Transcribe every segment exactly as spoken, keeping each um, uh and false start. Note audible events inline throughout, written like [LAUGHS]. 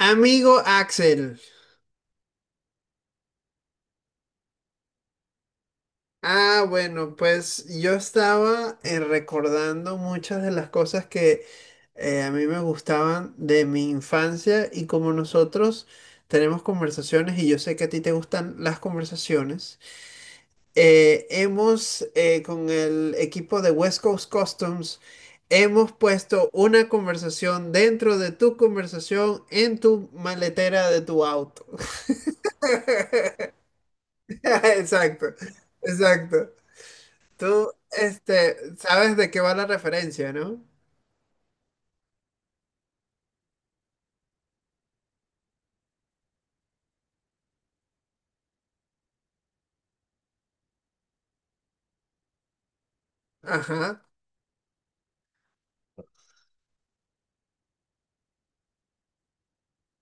Amigo Axel, ah, bueno, pues yo estaba eh, recordando muchas de las cosas que eh, a mí me gustaban de mi infancia y como nosotros tenemos conversaciones y yo sé que a ti te gustan las conversaciones, eh, hemos eh, con el equipo de West Coast Customs, hemos puesto una conversación dentro de tu conversación en tu maletera de tu auto. [LAUGHS] Exacto, exacto. Tú, este, sabes de qué va la referencia, ¿no? Ajá.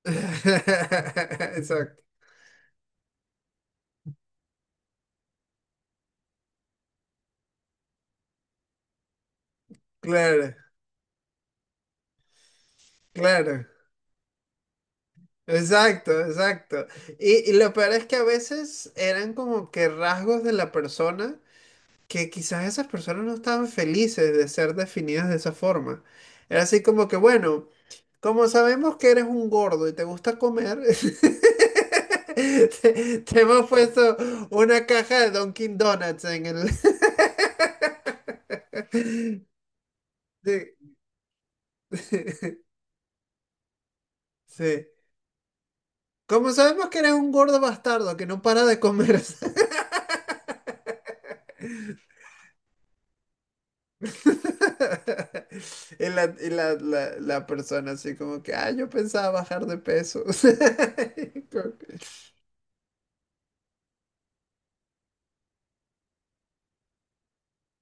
[LAUGHS] Exacto. Claro, claro. Exacto, exacto. Y, y lo peor es que a veces eran como que rasgos de la persona que quizás esas personas no estaban felices de ser definidas de esa forma. Era así como que, bueno, como sabemos que eres un gordo y te gusta comer, [LAUGHS] te, te hemos puesto una caja de Dunkin' Donuts en el... [LAUGHS] Sí. [LAUGHS] Sí. Como sabemos que eres un gordo bastardo que no para de comer. [LAUGHS] [LAUGHS] Y la, y la, la, la persona así como que, ah, yo pensaba bajar de peso. [LAUGHS] Como que-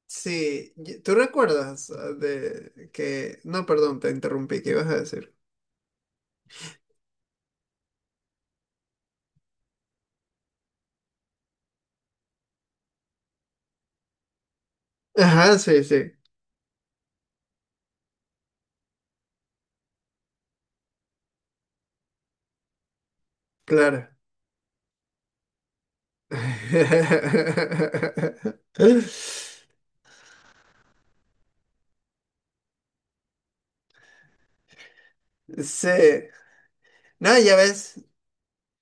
Sí, y- ¿tú recuerdas ah, de que... No, perdón, te interrumpí, ¿qué ibas a decir? Ajá, sí, sí, claro. [LAUGHS] Sí. No, ya ves.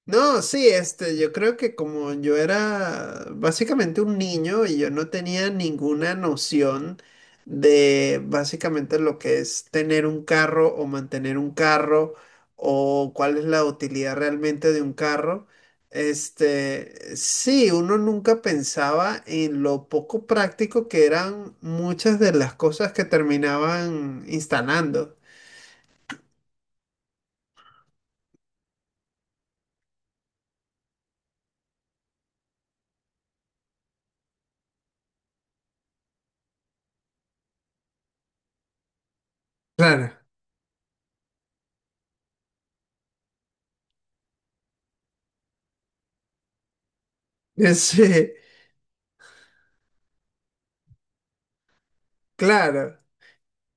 No, Sí, este, yo creo que como yo era básicamente un niño y yo no tenía ninguna noción de básicamente lo que es tener un carro o mantener un carro o cuál es la utilidad realmente de un carro, este, sí, uno nunca pensaba en lo poco práctico que eran muchas de las cosas que terminaban instalando. Claro. [LAUGHS] Sí, claro.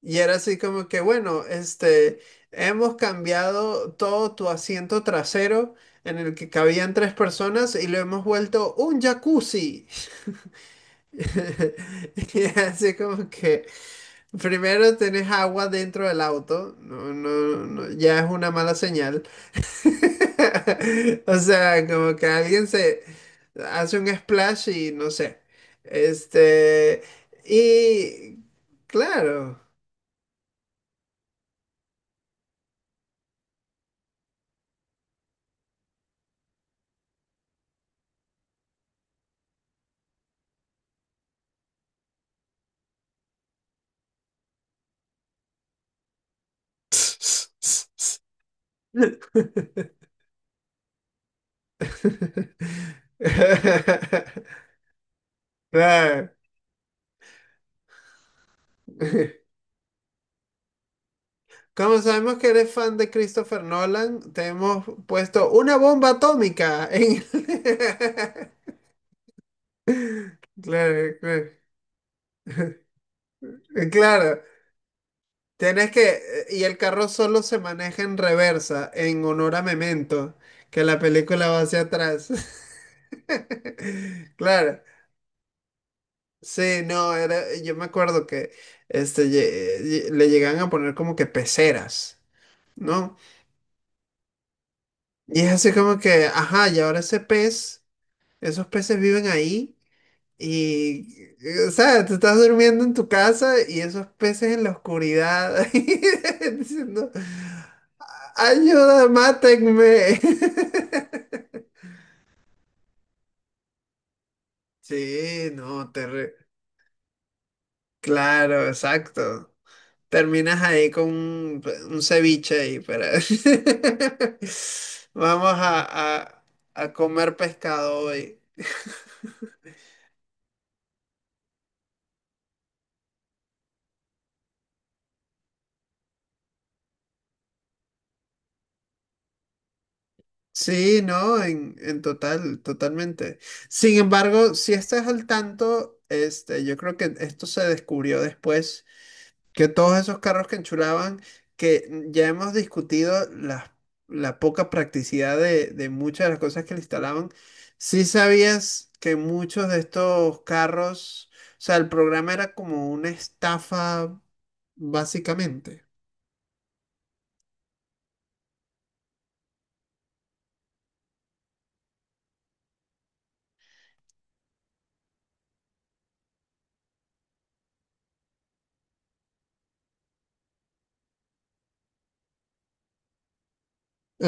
Y era así como que, bueno, este, hemos cambiado todo tu asiento trasero en el que cabían tres personas y lo hemos vuelto un jacuzzi. [LAUGHS] Y así como que primero tenés agua dentro del auto, no, no, no, ya es una mala señal. [LAUGHS] O sea, como que alguien se hace un splash y no sé. Este, y claro. [LAUGHS] [LAUGHS] Claro. Como sabemos que eres fan de Christopher Nolan, te hemos puesto una bomba atómica en... [LAUGHS] Claro, claro. Claro, tienes que... Y el carro solo se maneja en reversa, en honor a Memento, que la película va hacia atrás. [LAUGHS] Claro. Sí, no, era, yo me acuerdo que este, lle- lle- le llegan a poner como que peceras, ¿no? Y es así como que, ajá, y ahora ese pez, esos peces viven ahí y, o sea, tú estás durmiendo en tu casa y esos peces en la oscuridad [LAUGHS] diciendo, ayuda, mátenme. [LAUGHS] Sí, no, te... re- Claro, exacto. Terminas ahí con un, un ceviche ahí, pero [LAUGHS] vamos a, a- a comer pescado hoy. [LAUGHS] Sí, no, en, en total, totalmente. Sin embargo, si estás al tanto, este, yo creo que esto se descubrió después. Que todos esos carros que enchulaban, que ya hemos discutido la, la poca practicidad de, de muchas de las cosas que le instalaban, sí sabías que muchos de estos carros, o sea, el programa era como una estafa, básicamente.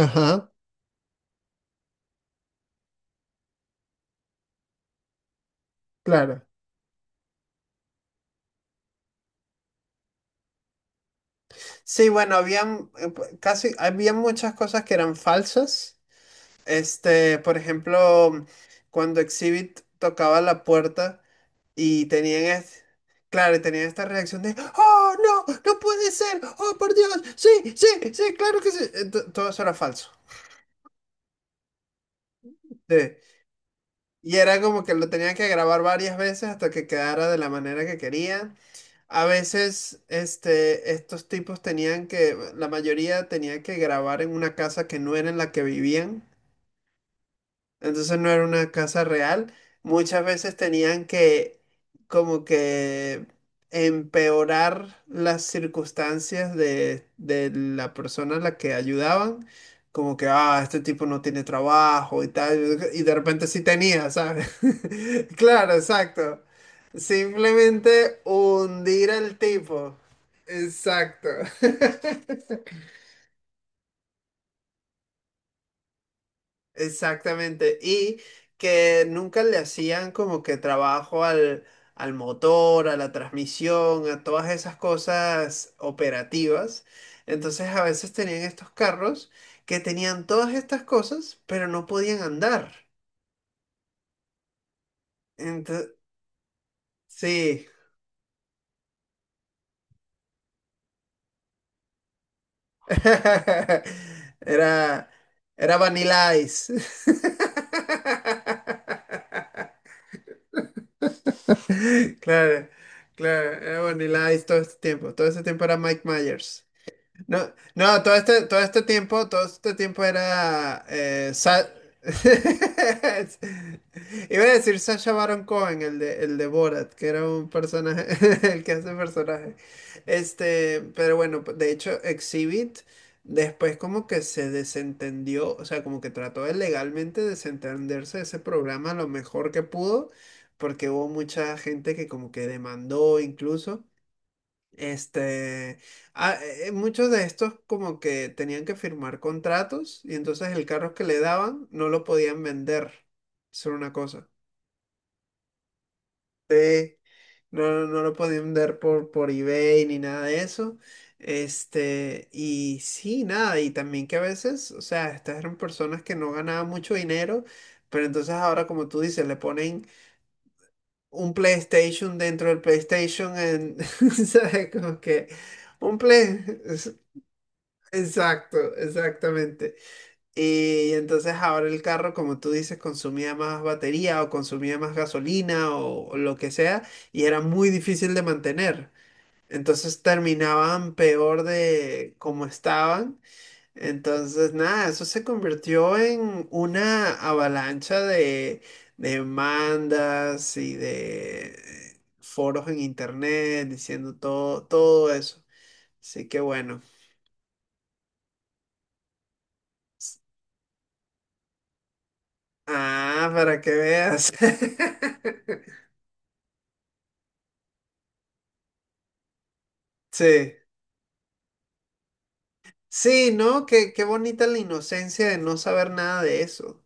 Ajá, claro. Sí, bueno, habían eh, pu- casi, había muchas cosas que eran falsas. Este, por ejemplo, cuando Exhibit tocaba la puerta. Y tenían, es- claro, y tenían esta reacción de, ¡Oh, no! ¡No puede ser! ¡Oh, por Dios! ¡Sí, sí, sí! ¡Claro que sí! Eh, to- Todo eso era falso. De- y era como que lo tenían que grabar varias veces hasta que quedara de la manera que querían. A veces, este, estos tipos tenían que, la mayoría tenía que grabar en una casa que no era en la que vivían. Entonces no era una casa real. Muchas veces tenían que como que empeorar las circunstancias de, de la persona a la que ayudaban. Como que, ah, este tipo no tiene trabajo y tal. Y de repente sí tenía, ¿sabes? [LAUGHS] Claro, exacto. Simplemente hundir al tipo. Exacto. [LAUGHS] Exactamente. Y que nunca le hacían como que trabajo al, al motor, a la transmisión, a todas esas cosas operativas. Entonces a veces tenían estos carros que tenían todas estas cosas, pero no podían andar. Entonces, sí. [LAUGHS] Era, era Vanilla Ice. [LAUGHS] Claro, claro, era Vanilla Ice todo este tiempo. Todo este tiempo era Mike Myers. No, no, todo este, todo este tiempo, todo este tiempo era eh, Sa- [LAUGHS] Iba a decir Sacha Baron Cohen, el de, el de, Borat, que era un personaje, [LAUGHS] el que hace personaje. Este, pero bueno, de hecho, Exhibit después como que se desentendió, o sea, como que trató de legalmente desentenderse de ese programa lo mejor que pudo, porque hubo mucha gente que como que demandó incluso. Este, ah, eh, eh, muchos de estos como que tenían que firmar contratos y entonces el carro que le daban no lo podían vender. Eso era una cosa. No, no, no lo podían vender por, por eBay ni nada de eso. Este, y sí, nada, y también que a veces, o sea, estas eran personas que no ganaban mucho dinero, pero entonces ahora, como tú dices, le ponen un PlayStation dentro del PlayStation en, [LAUGHS] ¿sabes? Como que un play. Exacto, exactamente. Y entonces ahora el carro, como tú dices, consumía más batería o consumía más gasolina o, o lo que sea, y era muy difícil de mantener. Entonces terminaban peor de como estaban. Entonces, nada, eso se convirtió en una avalancha de demandas y de foros en internet diciendo todo, todo eso. Así que bueno. Ah, para que veas. [LAUGHS] Sí, sí, ¿no? Qué, qué bonita la inocencia de no saber nada de eso.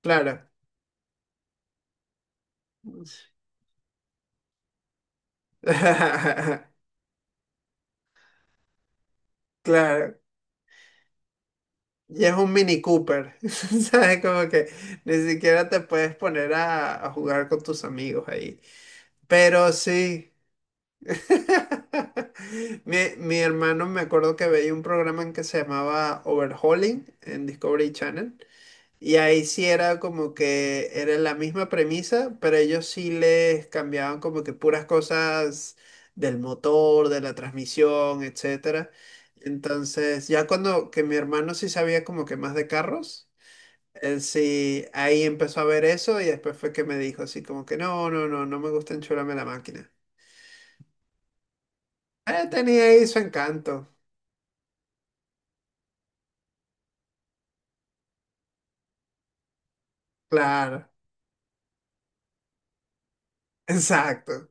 Claro. [LAUGHS] Claro. Y es un Mini Cooper. [LAUGHS] ¿Sabes? Como que ni siquiera te puedes poner a, a jugar con tus amigos ahí. Pero sí. [LAUGHS] Mi, mi hermano me acuerdo que veía un programa en que se llamaba Overhauling en Discovery Channel. Y ahí sí era como que era la misma premisa, pero ellos sí les cambiaban como que puras cosas del motor, de la transmisión, etcétera. Entonces, ya cuando que mi hermano sí sabía como que más de carros, él sí ahí empezó a ver eso y después fue que me dijo así como que no, no, no, no me gusta enchularme la máquina. Eh, tenía ahí su encanto. Claro, [LAUGHS] exacto.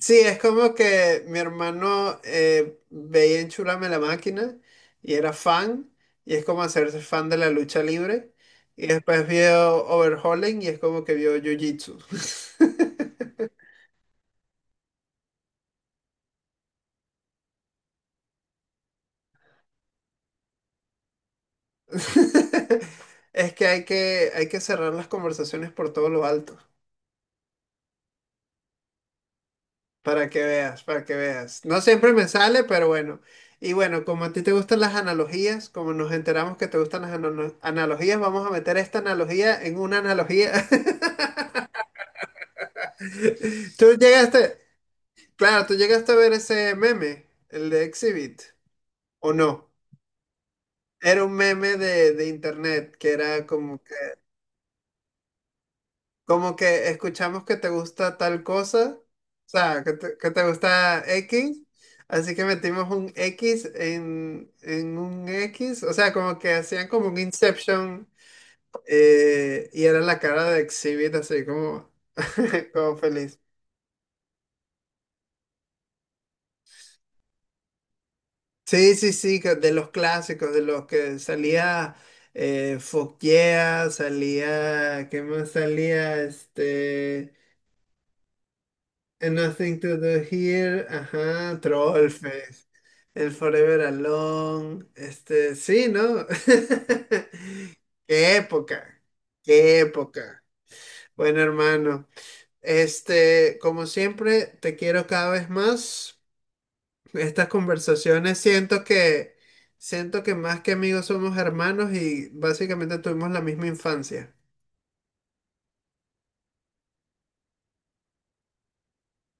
Sí, es como que mi hermano eh, veía en Chulame la Máquina y era fan, y es como hacerse fan de la lucha libre. Y después vio Overhauling y es como que vio Jiu-Jitsu. [LAUGHS] Es que hay que, hay que, cerrar las conversaciones por todo lo alto, para que veas, para que veas. No siempre me sale, pero bueno. Y bueno, como a ti te gustan las analogías, como nos enteramos que te gustan las ano- analogías, vamos a meter esta analogía en una analogía. [LAUGHS] [LAUGHS] Tú llegaste, claro, tú llegaste a ver ese meme, el de Exhibit, ¿o no? Era un meme de, de internet que era como que, como que escuchamos que te gusta tal cosa, o sea, que te, que te gusta X, así que metimos un X en, en un X, o sea, como que hacían como un Inception eh, y era la cara de Exhibit así como, [LAUGHS] como feliz. Sí, sí, sí, que- de los clásicos, de los que salía eh, Foggia, salía, ¿qué más salía? Este, And Nothing to Do Here, ajá, Trollface, El Forever Alone, este, sí, ¿no? [LAUGHS] Qué época, qué época. Bueno, hermano, este, como siempre, te quiero cada vez más. Estas conversaciones siento que siento que más que amigos somos hermanos y básicamente tuvimos la misma infancia.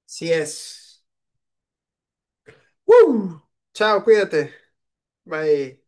Sí es. ¡Woo! Chao, cuídate. Bye.